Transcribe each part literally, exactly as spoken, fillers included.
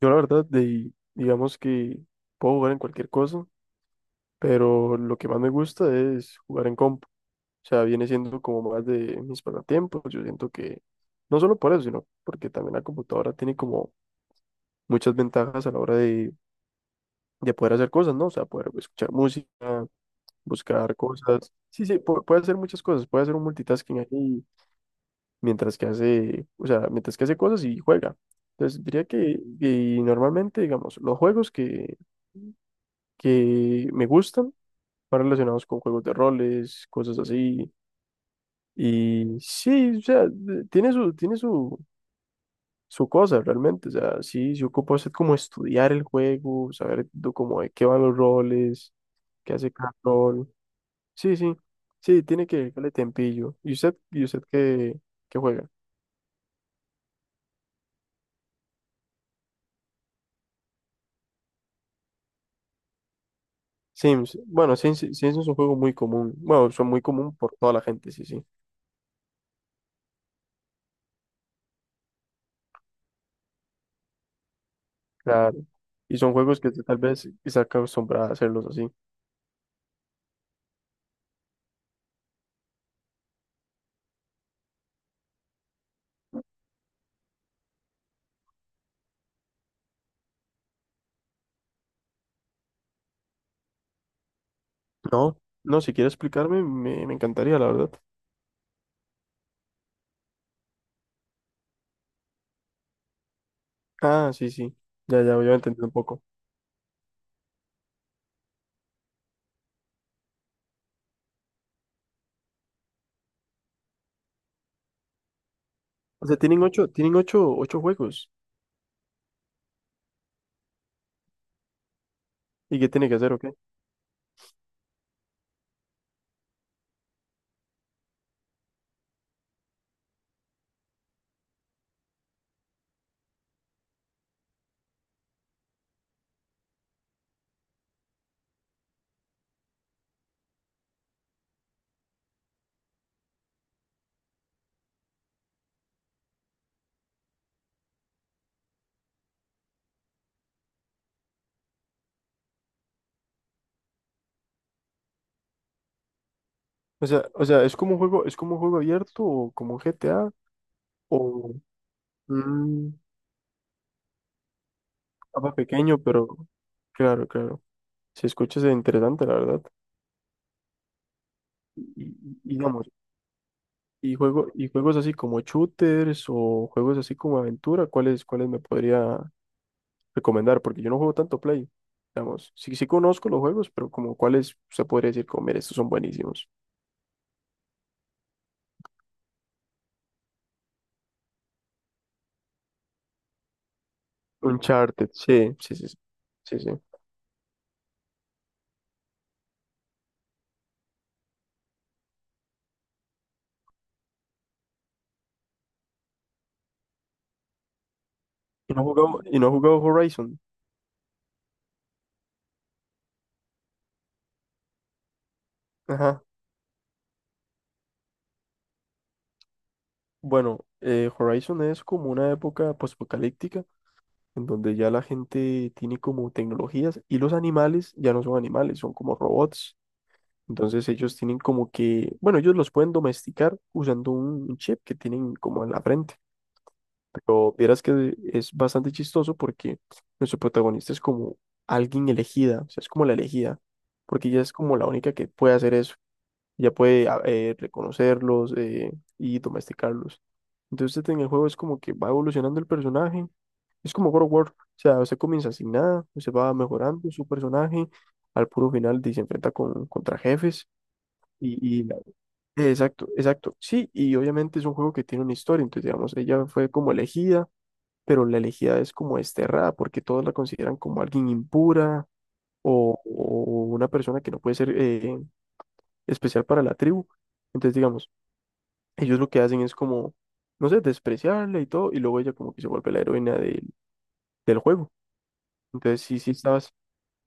Yo la verdad, de, digamos que puedo jugar en cualquier cosa, pero lo que más me gusta es jugar en comp. O sea, viene siendo como más de mis pasatiempos. Yo siento que no solo por eso, sino porque también la computadora tiene como muchas ventajas a la hora de, de poder hacer cosas, ¿no? O sea, poder escuchar música, buscar cosas. Sí, sí, pu- puede hacer muchas cosas. Puede hacer un multitasking ahí mientras que hace, o sea, mientras que hace cosas y juega. Entonces, diría que, y normalmente, digamos, los juegos que... que me gustan, más relacionados con juegos de roles, cosas así. Y sí, o sea, de- tiene su, tiene su, su cosa realmente. O sea, sí, se ocupa usted como estudiar el juego, saber do- como de qué van los roles, qué hace cada rol. Sí, sí, sí, tiene que darle tempillo. ¿Y usted, y usted qué, qué juega? Sims. Bueno, Sims, Sims es un juego muy común. Bueno, son muy común por toda la gente, sí, sí. Claro. Y son juegos que tal vez está acostumbrada a hacerlos así. No, no, si quieres explicarme, me, me encantaría, la verdad. Ah, sí, sí. Ya, ya, ya entendí un poco. O sea, tienen ocho, tienen ocho, ocho juegos. ¿Y qué tiene que hacer o qué? O sea, o sea, es como un juego, es como un juego abierto o como un G T A o un mapa pequeño, pero claro, claro. Si escuchas es interesante, la verdad. Y, y- y digamos, y juego, y juegos así como shooters o juegos así como aventura, ¿cuáles, cuáles me podría recomendar? Porque yo no juego tanto Play. Digamos, sí, sí conozco los juegos, pero como cuáles se podría decir, como, mira, estos son buenísimos. Uncharted, sí, sí, sí, sí, sí. Sí. Y no he jugado, y no he jugado Horizon. Ajá. Bueno, eh, Horizon es como una época postapocalíptica en donde ya la gente tiene como tecnologías y los animales ya no son animales, son como robots. Entonces ellos tienen como que, bueno, ellos los pueden domesticar usando un un chip que tienen como en la frente. Pero vieras que es bastante chistoso porque nuestro protagonista es como alguien elegida, o sea, es como la elegida, porque ella es como la única que puede hacer eso. Ella puede a- eh, reconocerlos, eh, y domesticarlos. Entonces en el juego es como que va evolucionando el personaje. Es como God of War, o sea, usted comienza sin nada, usted va mejorando su personaje, al puro final de- se enfrenta con, contra jefes. Y, y la- eh, exacto, exacto. Sí, y obviamente es un juego que tiene una historia, entonces digamos, ella fue como elegida pero la elegida es como desterrada porque todos la consideran como alguien impura o, o una persona que no puede ser, eh, especial para la tribu. Entonces, digamos, ellos lo que hacen es como, no sé, despreciarla y todo, y luego ella como que se vuelve la heroína del, del juego. Entonces, sí, sí, estabas.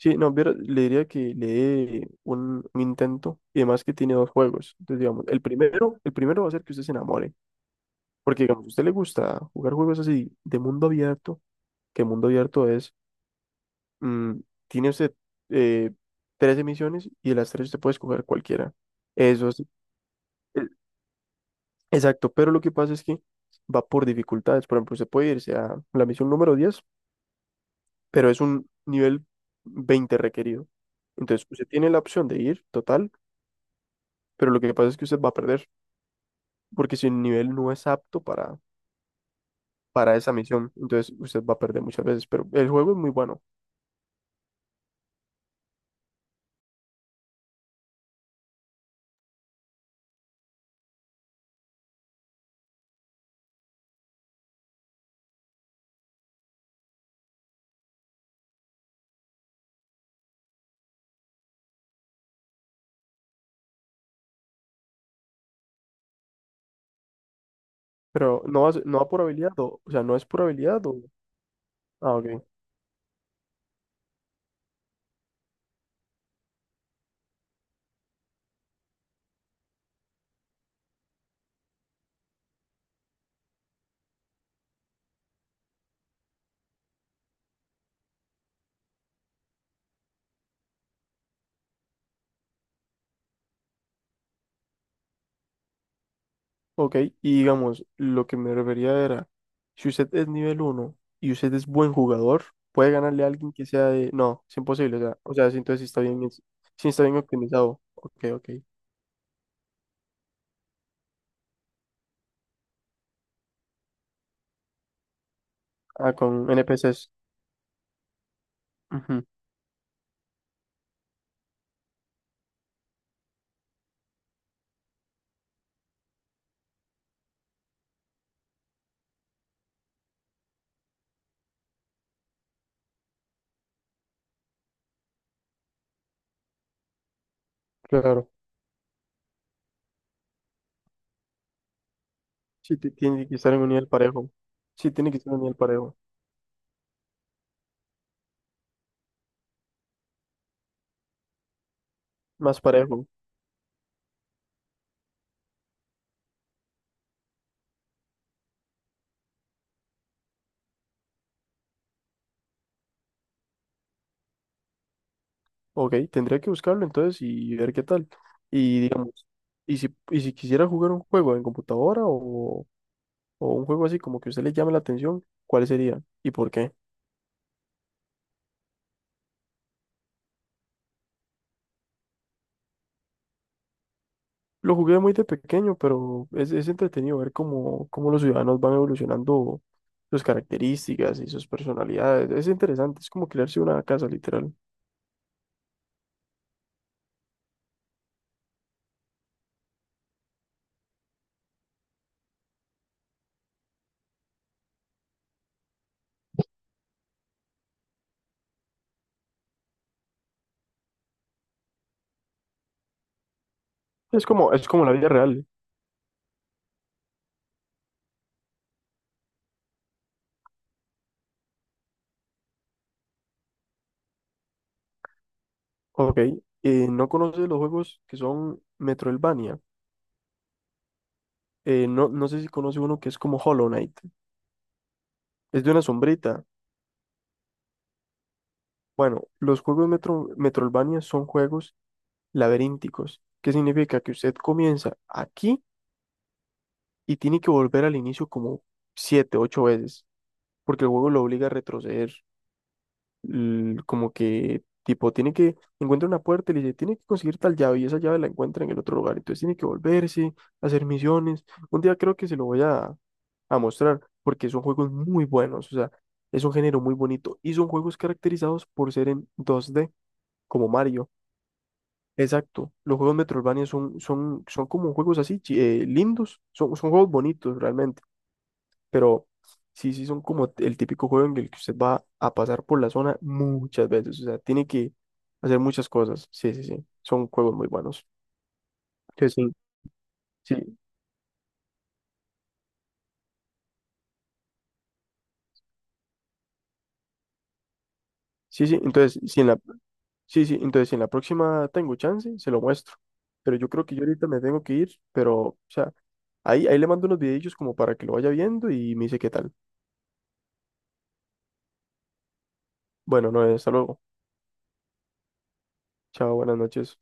Sí, no, viera- le diría que le dé un, un intento y además que tiene dos juegos. Entonces, digamos, el primero, el primero va a ser que usted se enamore, porque digamos, a usted le gusta jugar juegos así de mundo abierto, que mundo abierto es mm, tiene usted eh, trece misiones y de las tres usted puede escoger cualquiera. Eso es, eh, exacto, pero lo que pasa es que va por dificultades. Por ejemplo, usted puede irse a la misión número diez pero es un nivel veinte requerido. Entonces, usted tiene la opción de ir total, pero lo que pasa es que usted va a perder, porque si el nivel no es apto para, para esa misión, entonces usted va a perder muchas veces. Pero el juego es muy bueno, pero no, va a ser- no va por habilidad, o, o sea, no es por habilidad. O, ah, ok. Ok, y digamos, lo que me refería era, si usted es nivel uno y usted es buen jugador, puede ganarle a alguien que sea de... No, es imposible, o sea, o sea, sí, entonces sí está bien, es- sí está bien optimizado. Ok, ok. Ah, con N NPCs. Ujú, claro. Sí, ti- tiene que estar en un nivel parejo. Sí, tiene que estar en un nivel parejo. Más parejo. Ok, tendría que buscarlo entonces y ver qué tal. Y digamos, y si, y si quisiera jugar un juego en computadora o, o un juego así como que a usted le llame la atención, ¿cuál sería y por qué? Lo jugué muy de pequeño, pero es, es entretenido ver cómo, cómo los ciudadanos van evolucionando sus características y sus personalidades. Es interesante, es como crearse una casa, literal. Es como, es como la vida real. Ok, eh, ¿no conoces los juegos que son Metroidvania? Eh, no, no sé si conoce uno que es como Hollow Knight. Es de una sombrita. Bueno, los juegos Metro, Metroidvania son juegos laberínticos, que significa que usted comienza aquí y tiene que volver al inicio como siete, ocho veces, porque el juego lo obliga a retroceder. l- Como que, tipo, tiene que encuentra una puerta y le dice, tiene que conseguir tal llave y esa llave la encuentra en el otro lugar. Entonces tiene que volverse, hacer misiones. Un día creo que se lo voy a, a mostrar porque son juegos muy buenos. O sea, es un género muy bonito y son juegos caracterizados por ser en dos D, como Mario. Exacto, los juegos Metroidvania son, son, son como juegos así, chi- eh, lindos, son, son juegos bonitos realmente pero sí, sí son como el típico juego en el que usted va a pasar por la zona muchas veces, o sea, tiene que hacer muchas cosas, sí, sí, sí, son juegos muy buenos. Entonces, sí, sí, sí, sí, entonces, si en la, sí, sí, entonces, si en la próxima tengo chance, se lo muestro, pero yo creo que yo ahorita me tengo que ir, pero, o sea, ahí, ahí le mando unos videillos como para que lo vaya viendo y me dice qué tal. Bueno, no, hasta luego, chao, buenas noches.